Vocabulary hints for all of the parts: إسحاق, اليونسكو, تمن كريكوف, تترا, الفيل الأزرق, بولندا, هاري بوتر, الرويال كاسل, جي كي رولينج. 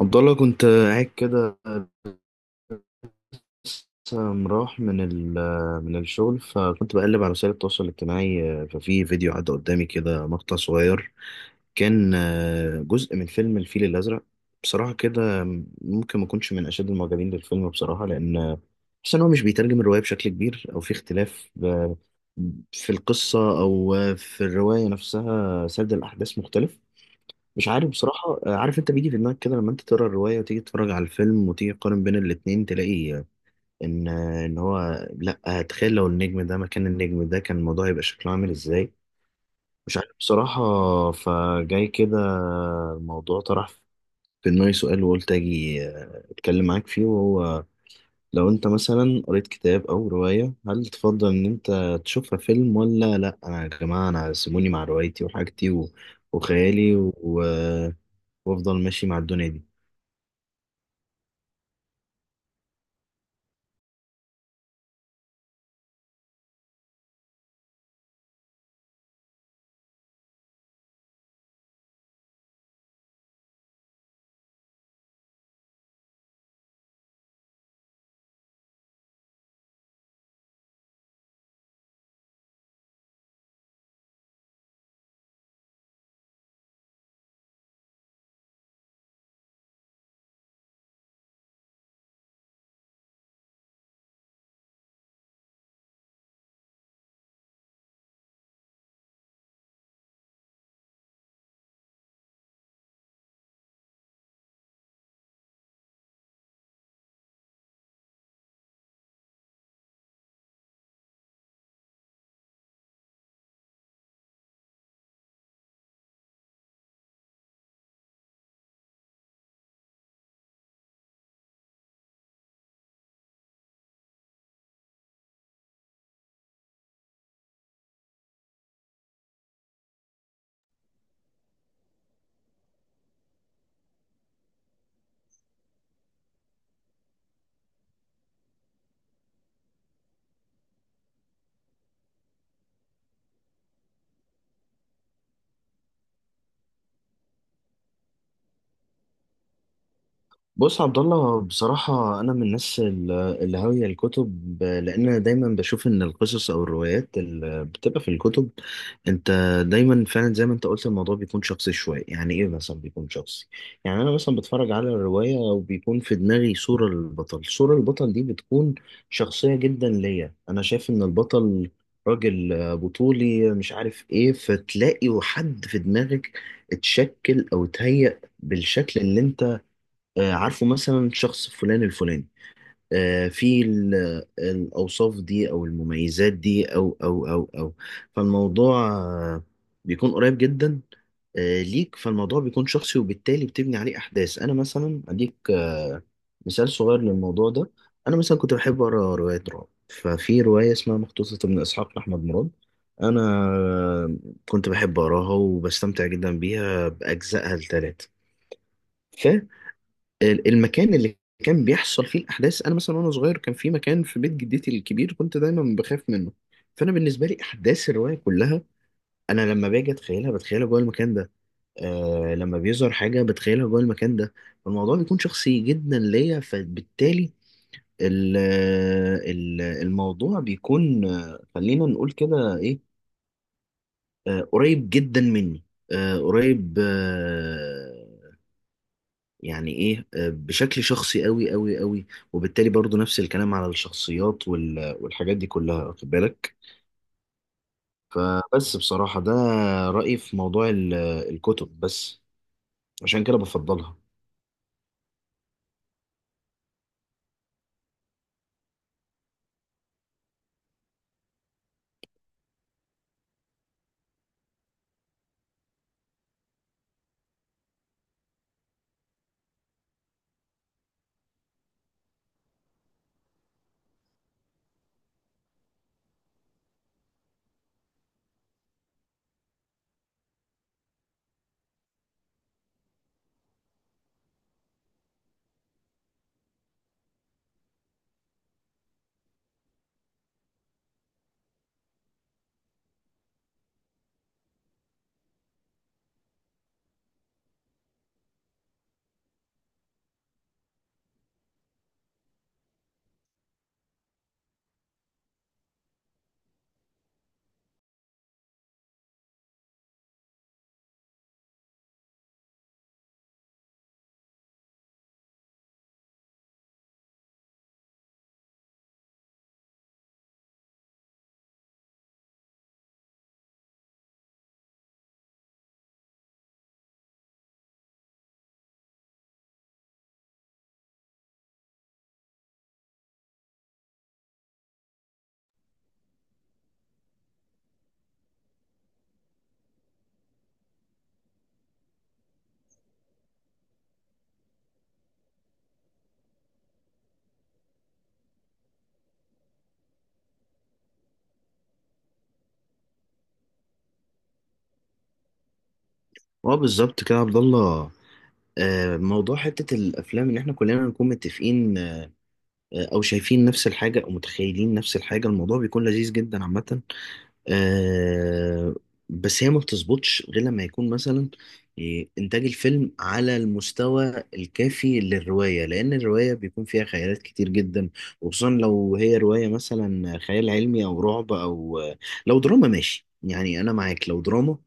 عبد الله، كنت قاعد كده، لسه مروح من الشغل، فكنت بقلب على وسائل التواصل الاجتماعي. ففي فيديو عدى قدامي كده، مقطع صغير كان جزء من فيلم الفيل الأزرق. بصراحة كده، ممكن ما اكونش من أشد المعجبين بالفيلم، بصراحة، لأن بحس إن هو مش بيترجم الرواية بشكل كبير، أو في اختلاف في القصة أو في الرواية نفسها، سرد الأحداث مختلف. مش عارف بصراحة. عارف انت بيجي في دماغك كده لما انت تقرا الرواية وتيجي تتفرج على الفيلم وتيجي تقارن بين الاتنين، تلاقي آه، ان آه، ان هو لا، تخيل لو النجم ده مكان النجم ده كان الموضوع هيبقى شكله عامل ازاي. مش عارف بصراحة. فجاي كده الموضوع طرح في دماغي سؤال، وقلت اجي اتكلم معاك فيه، وهو: لو انت مثلا قريت كتاب او رواية، هل تفضل ان انت تشوفها فيلم ولا لا؟ انا يا جماعة، انا سيبوني مع روايتي وحاجتي وخيالي وافضل ماشي مع الدنيا دي. بص عبد الله، بصراحة أنا من الناس اللي هاوية الكتب، لأن أنا دايما بشوف إن القصص أو الروايات اللي بتبقى في الكتب، أنت دايما فعلا زي ما أنت قلت، الموضوع بيكون شخصي شوية. يعني إيه مثلا بيكون شخصي؟ يعني أنا مثلا بتفرج على الرواية وبيكون في دماغي صورة للبطل، صورة البطل دي بتكون شخصية جدا ليا. أنا شايف إن البطل راجل بطولي، مش عارف إيه، فتلاقي حد في دماغك اتشكل أو اتهيأ بالشكل اللي انت عارفه، مثلا شخص فلان الفلاني، في الأوصاف دي أو المميزات دي أو أو أو أو فالموضوع بيكون قريب جدا ليك. فالموضوع بيكون شخصي، وبالتالي بتبني عليه أحداث. أنا مثلا أديك مثال صغير للموضوع ده. أنا مثلا كنت بحب أقرأ روايات رعب، ففي رواية اسمها مقتوصة من إسحاق لأحمد مراد، أنا آه، كنت بحب أقراها وبستمتع جدا بيها بأجزائها الثلاثة. المكان اللي كان بيحصل فيه الاحداث، انا مثلا وانا صغير كان في مكان في بيت جدتي الكبير كنت دايما بخاف منه. فانا بالنسبه لي، احداث الروايه كلها انا لما باجي اتخيلها بتخيلها جوه المكان ده. لما بيظهر حاجه بتخيلها جوه المكان ده. فالموضوع بيكون شخصي جدا ليا، فبالتالي ال- الموضوع بيكون خلينا نقول كده ايه، قريب جدا مني. قريب. يعني ايه، بشكل شخصي قوي قوي قوي. وبالتالي برضو نفس الكلام على الشخصيات والحاجات دي كلها، واخد بالك. فبس، بصراحة ده رأيي في موضوع الكتب، بس عشان كده بفضلها. اه، بالظبط كده يا عبد الله. موضوع حتة الأفلام اللي احنا كلنا نكون متفقين أو شايفين نفس الحاجة أو متخيلين نفس الحاجة، الموضوع بيكون لذيذ جدا عامة. آه بس هي ما بتظبطش غير لما يكون مثلا إيه، إنتاج الفيلم على المستوى الكافي للرواية، لأن الرواية بيكون فيها خيالات كتير جدا، وخصوصا لو هي رواية مثلا خيال علمي أو رعب. أو لو دراما ماشي، يعني أنا معاك، لو دراما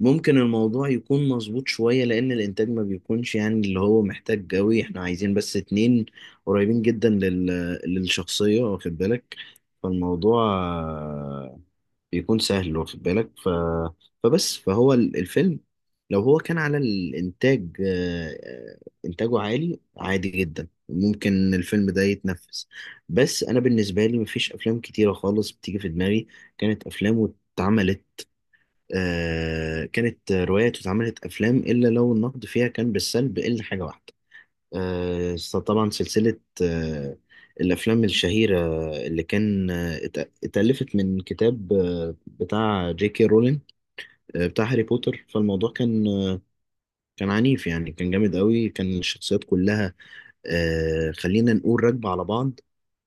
ممكن الموضوع يكون مظبوط شوية، لأن الإنتاج ما بيكونش يعني اللي هو محتاج قوي، إحنا عايزين بس اتنين قريبين جدا للشخصية، واخد بالك. فالموضوع بيكون سهل، واخد بالك، فبس فهو الفيلم لو هو كان على الإنتاج، إنتاجه عالي عادي جدا، ممكن الفيلم ده يتنفس. بس أنا بالنسبة لي مفيش أفلام كتيرة خالص بتيجي في دماغي كانت أفلام واتعملت كانت روايات واتعملت أفلام إلا لو النقد فيها كان بالسلب، إلا حاجة واحدة. آه، طبعا سلسلة الأفلام الشهيرة اللي كان اتألفت من كتاب بتاع جي كي رولين، بتاع هاري بوتر. فالموضوع كان عنيف يعني، كان جامد قوي، كان الشخصيات كلها خلينا نقول راكبة على بعض،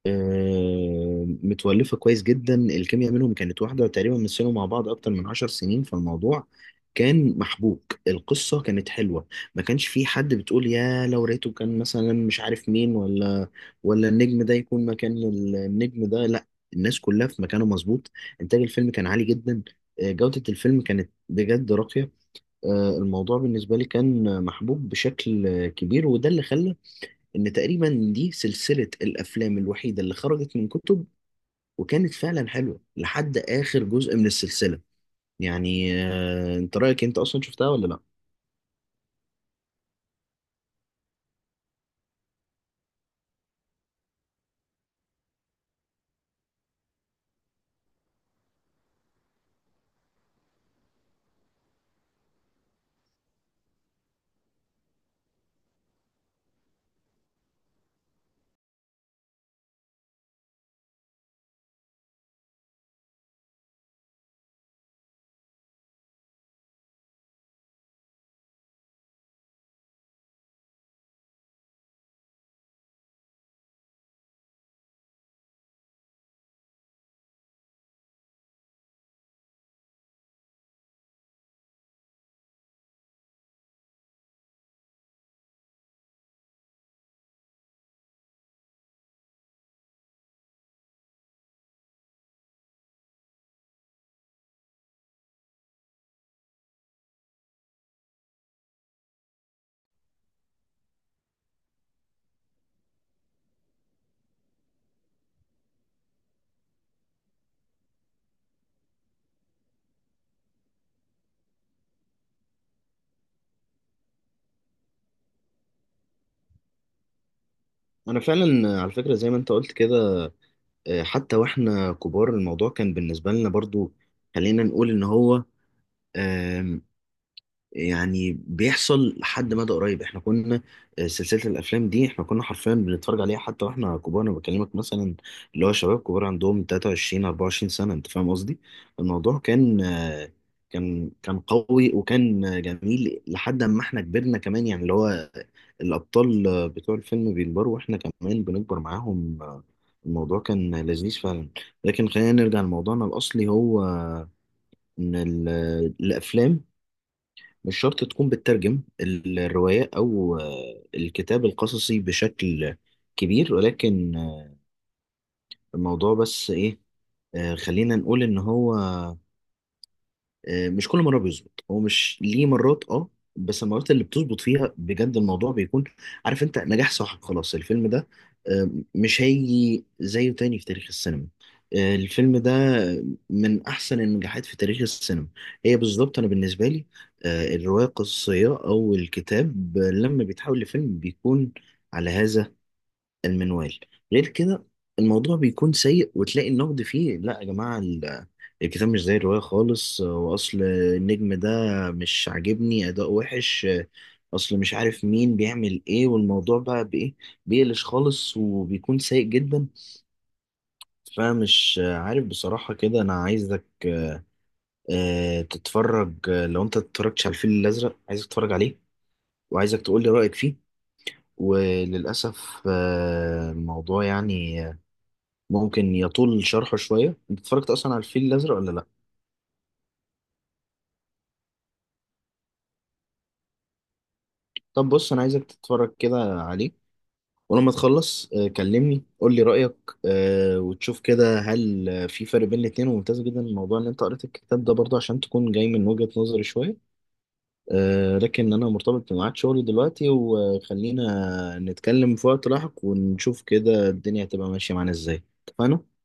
متولفة كويس جدا. الكيمياء منهم كانت واحدة، تقريبا مثلوا مع بعض أكتر من 10 سنين، فالموضوع كان محبوك، القصة كانت حلوة، ما كانش في حد بتقول يا لو ريته كان مثلا مش عارف مين، ولا النجم ده يكون مكان النجم ده، لا، الناس كلها في مكانه مظبوط. إنتاج الفيلم كان عالي جدا، جودة الفيلم كانت بجد راقية. الموضوع بالنسبة لي كان محبوب بشكل كبير، وده اللي خلى ان تقريبا دي سلسلة الافلام الوحيدة اللي خرجت من كتب وكانت فعلا حلوة لحد اخر جزء من السلسلة. يعني انت رأيك، انت اصلا شفتها ولا لا؟ انا فعلا على فكرة زي ما انت قلت كده، حتى واحنا كبار الموضوع كان بالنسبة لنا برضو، خلينا نقول ان هو يعني بيحصل لحد مدى قريب. احنا كنا آه، سلسلة الافلام دي احنا كنا حرفيا بنتفرج عليها حتى واحنا كبار. انا بكلمك مثلا، اللي هو شباب كبار عندهم 23 24 سنة، انت فاهم قصدي. الموضوع كان قوي، وكان جميل لحد ما احنا كبرنا كمان، يعني اللي هو الابطال بتوع الفيلم بيكبروا واحنا كمان بنكبر معاهم. الموضوع كان لذيذ فعلا. لكن خلينا نرجع لموضوعنا الاصلي. هو ان الافلام مش شرط تكون بتترجم الرواية أو الكتاب القصصي بشكل كبير، ولكن الموضوع بس إيه، خلينا نقول إن هو مش كل مرة بيظبط، هو مش ليه مرات، اه. بس المرات اللي بتظبط فيها بجد، الموضوع بيكون عارف انت نجاح صاحب خلاص، الفيلم ده مش هيجي زيه تاني في تاريخ السينما. الفيلم ده من احسن النجاحات في تاريخ السينما. هي بالظبط انا بالنسبة لي، الرواية القصصية او الكتاب لما بيتحول لفيلم بيكون على هذا المنوال، غير كده الموضوع بيكون سيء وتلاقي النقد فيه: لا يا جماعة، الكتاب مش زي الرواية خالص، وأصل النجم ده مش عاجبني، أداء وحش، أصل مش عارف مين بيعمل إيه، والموضوع بقى بإيه، بيقلش خالص وبيكون سيء جدا. فمش عارف بصراحة كده. أنا عايزك تتفرج، لو أنت اتفرجتش على الفيل الأزرق عايزك تتفرج عليه وعايزك تقولي رأيك فيه. وللأسف الموضوع يعني ممكن يطول شرحه شوية. انت اتفرجت اصلا على الفيل الازرق ولا لا؟ طب بص، انا عايزك تتفرج كده عليه، ولما تخلص كلمني قول لي رأيك، وتشوف كده هل في فرق بين الاتنين. وممتاز جدا الموضوع ان انت قريت الكتاب ده برضه عشان تكون جاي من وجهة نظري شوية. لكن انا مرتبط بميعاد شغلي دلوقتي، وخلينا نتكلم في وقت لاحق، ونشوف كده الدنيا هتبقى ماشية معانا ازاي. اتفقنا؟